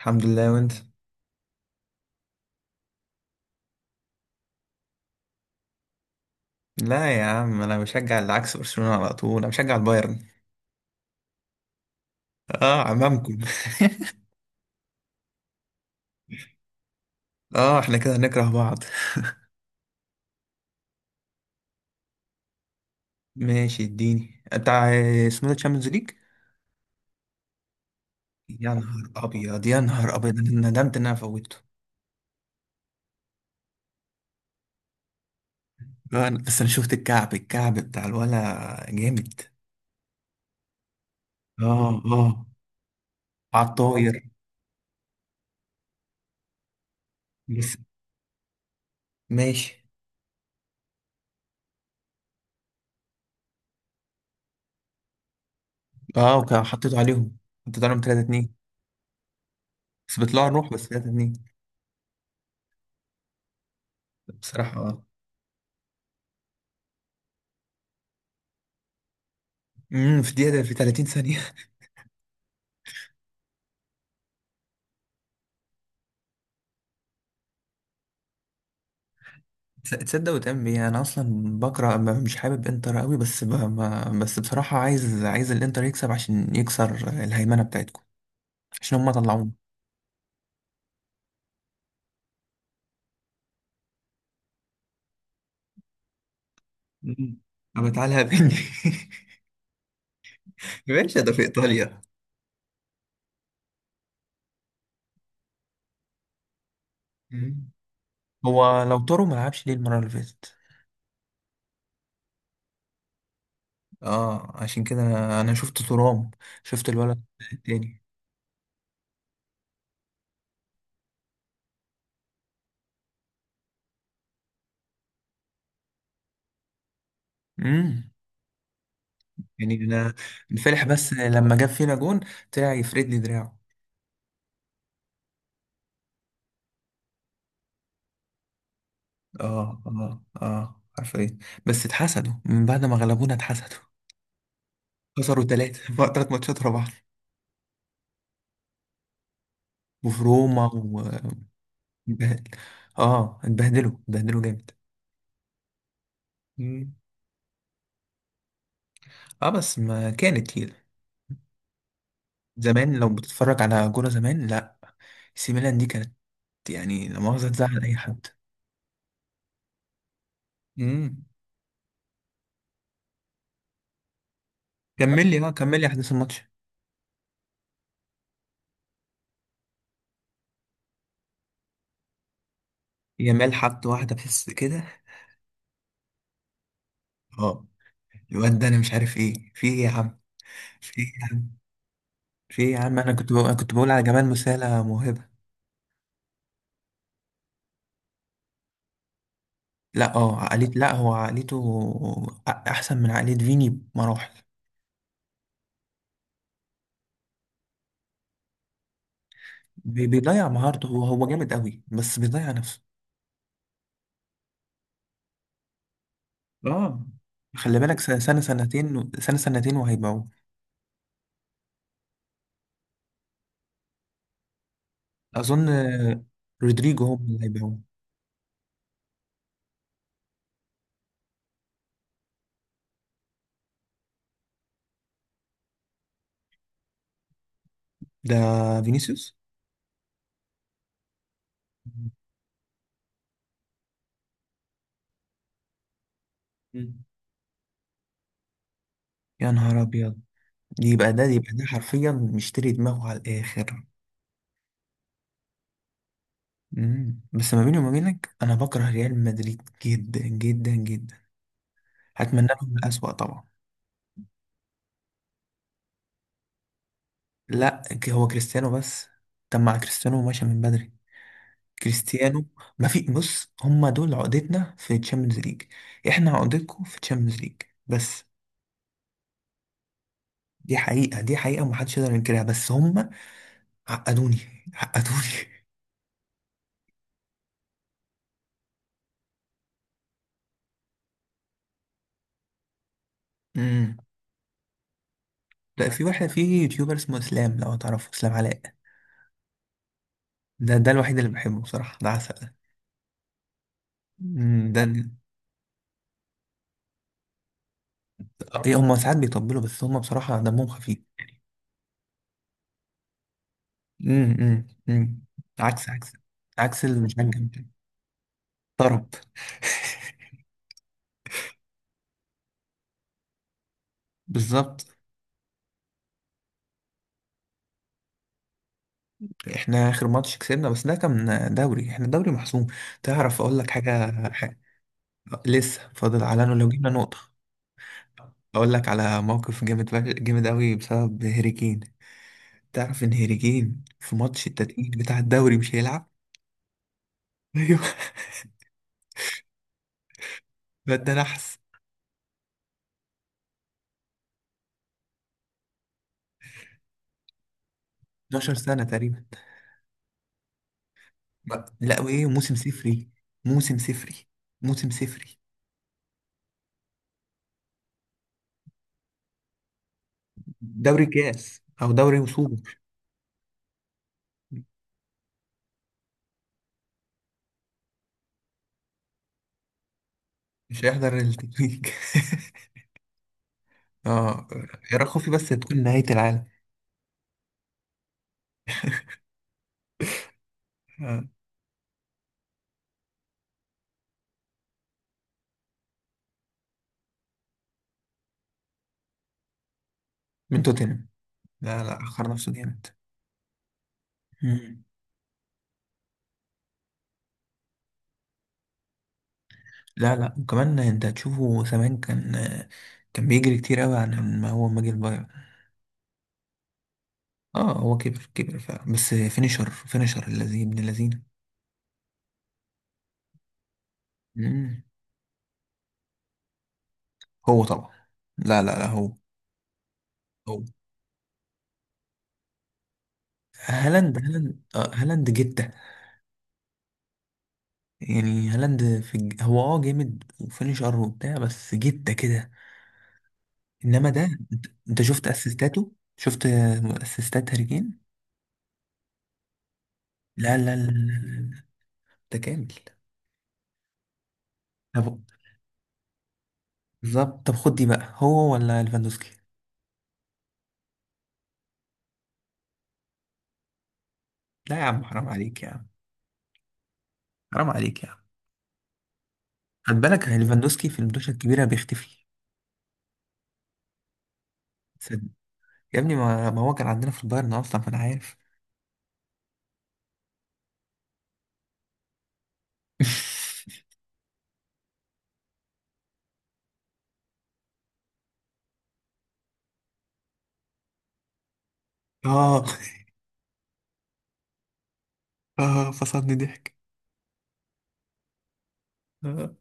الحمد لله، وانت؟ لا يا عم، انا بشجع اللي عكس برشلونة على طول. انا بشجع البايرن. اه، عمامكم. اه احنا كده هنكره بعض. ماشي، اديني انت اسمه ده تشامبيونز ليج. يا نهار ابيض، يا نهار ابيض، انا ندمت ان انا فوتته. آه، بس انا شفت الكعب الكعب بتاع الولا جامد. اه اه، على الطاير. بس ماشي. اه، وكان حطيته عليهم. حطيت عليهم 3-2. بس بيطلعوا نروح بس 3-2. بصراحة، اه، في دقيقة، في 30 ثانية. تصدق وتعمل ايه؟ انا اصلا بكره مش حابب انتر قوي، بس ب... ما... بس بصراحه، عايز الانتر يكسب عشان يكسر الهيمنه بتاعتكم. عشان هم طلعونا. مم. أما تعالى قابلني. ماشي، ده في إيطاليا. مم. هو لو طاروا ما لعبش ليه المره اللي فاتت؟ اه، عشان كده انا شفت ترام. شفت الولد التاني. امم يعني أنا، الفرح بس لما جاب فينا جون طلع يفرد لي دراعه. اه اه اه، عارفين. بس اتحسدوا، من بعد ما غلبونا اتحسدوا. خسروا ثلاثة 3 ماتشات ورا بعض. وفي روما، و اتبهدل. اه، اتبهدلوا اتبهدلوا جامد. مم. اه، بس ما كانت كده زمان. لو بتتفرج على كورة زمان، لا. سي ميلان دي كانت، يعني لا مؤاخذة تزعل أي حد. مم. كمل لي، كمل لي أحداث الماتش. يامال حط واحدة في كده. اه، الواد ده أنا مش عارف إيه في إيه يا عم. في إيه يا عم؟ في إيه يا عم؟ أنا كنت بقول على جمال، مسالة موهبة. لا، اه عقلية، لا هو عقليته احسن من عقلية فيني بمراحل. بيضيع مهارته، هو جامد قوي بس بيضيع نفسه. اه، خلي بالك، سنة سنة سنتين سنة سنتين وهيبيعوه. اظن، آه. رودريجو هو اللي هيبيعوه. ده فينيسيوس. مم. يا نهار ابيض. دي يبقى ده حرفيا مشتري دماغه على الاخر. مم. بس ما بيني وما بينك، انا بكره ريال مدريد جدا جدا جدا. هتمنى لهم الاسوأ طبعا. لا، هو كريستيانو بس. طب مع كريستيانو ماشي من بدري. كريستيانو، ما في، بص هما دول عقدتنا في تشامبيونز ليج. احنا عقدتكم في تشامبيونز ليج. بس دي حقيقة، دي حقيقة ومحدش يقدر ينكرها، بس هما عقدوني، عقدوني. امم. لا، في واحد، في يوتيوبر اسمه اسلام، لو تعرفه اسلام علاء. ده الوحيد اللي بحبه بصراحة، ده عسل. ده إيه، هما ساعات بيطبلوا بس هما بصراحة دمهم خفيف. أمم. عكس عكس عكس المشجع بتاعي. طرب، بالظبط. احنا اخر ماتش كسبنا، بس ده كان دوري، احنا دوري محسوم. تعرف اقول لك حاجة. لسه فاضل، على لو جبنا نقطه. اقول لك على موقف جامد، جامد قوي بسبب هيري كين. تعرف ان هيري كين في ماتش التتويج بتاع الدوري مش هيلعب. ايوه، الواد ده نحس. 12 سنه تقريبا. لا، وايه؟ موسم صفري، موسم صفري، موسم صفري. دوري كاس او دوري وصول. مش هيحضر التتويج. اه، يا رب خوفي بس تكون نهايه العالم. آه، من توتنهام. لا لا، أخر نفسه جامد. مم. لا لا، وكمان أنت هتشوفه زمان كان كان بيجري كتير أوي عن ما هو ما جه البايرن. اه، هو كبر كبر فعلا، بس فينيشر فينيشر الذي ابن الذين. مم. هو طبعا. لا لا لا، هو هو هالاند هالاند جتة. يعني هالاند في هو اه جامد وفينيشر وبتاع، بس جتة كده. انما ده، انت شفت اسيستاته. شفت اسيستات هاري كين. لا لا لا لا، لا، لا، ده كامل. طب بالظبط، طب خد دي بقى، هو ولا ليفاندوسكي؟ لا يا عم، حرام عليك يا عم. حرام عليك يا عم. خد بالك ليفاندوسكي في المدوشة الكبيرة بيختفي. صدق. يا ابني، ما هو كان عندنا في البايرن أصلا فأنا عارف. آه آه، فصلني ضحك. آه.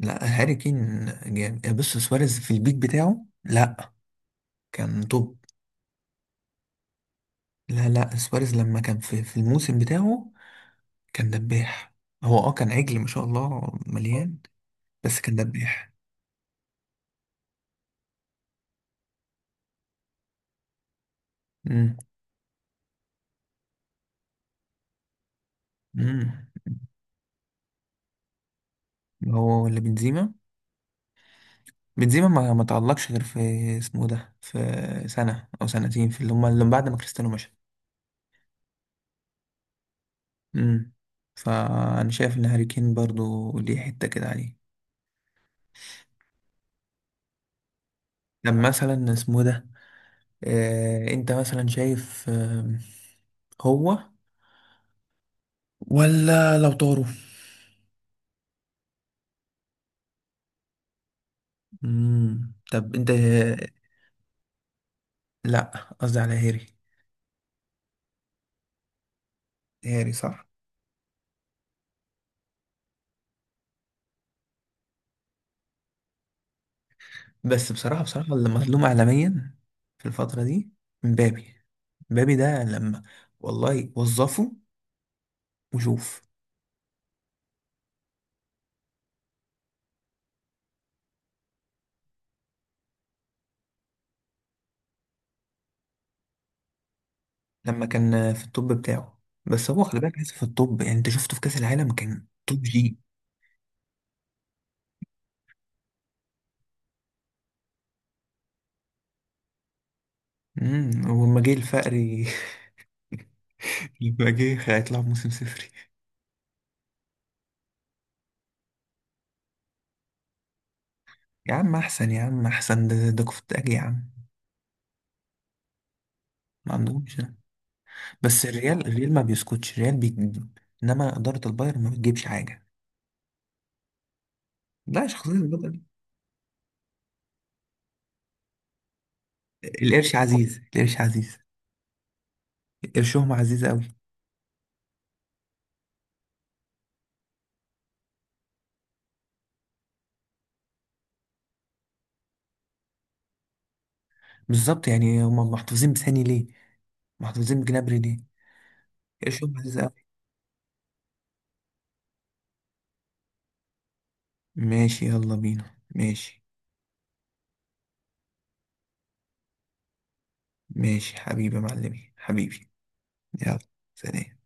لا، هاري كين جامد. بص، سواريز في البيك بتاعه، لا كان توب. لا لا، سواريز لما كان في الموسم بتاعه كان دباح. هو اه كان عجل ما شاء الله مليان، بس كان دباح. مم. مم. هو ولا بنزيما؟ بنزيما ما تعلقش غير في اسمه ده، في سنة أو سنتين، في اللي هما اللي بعد ما كريستيانو مشى. امم فأنا شايف إن هاري كين برضه ليه حتة كده عليه. طب مثلا اسمه ده، أنت مثلا شايف، هو ولا لو طاروا؟ طب أنت، لا، قصدي على هاري. هاري صح. بس بصراحة، بصراحة اللي مظلوم إعلاميا في الفترة دي مبابي. مبابي ده لما، والله وظفه وشوف. لما كان في الطب بتاعه، بس هو خلي بالك لسه في الطب، يعني انت شفته في كأس العالم كان توب جي. امم ولما جه الفقري. لما جه هيطلعوا موسم صفري. يا عم احسن، يا عم احسن، ده كفتاجي يا عم. ما عندهمش ده. بس الريال، الريال ما بيسكتش، الريال بيجيب. انما إدارة البايرن ما بتجيبش حاجة. لا، شخصية البطل. القرش عزيز، القرش عزيز. قرشهم عزيز قوي. بالظبط، يعني هم محتفظين بثاني ليه؟ محتفظين بجنابري ليه؟ قرشهم عزيز قوي. ماشي، يلا بينا، ماشي. ماشي حبيبي، يا معلمي حبيبي. يلا، سلام.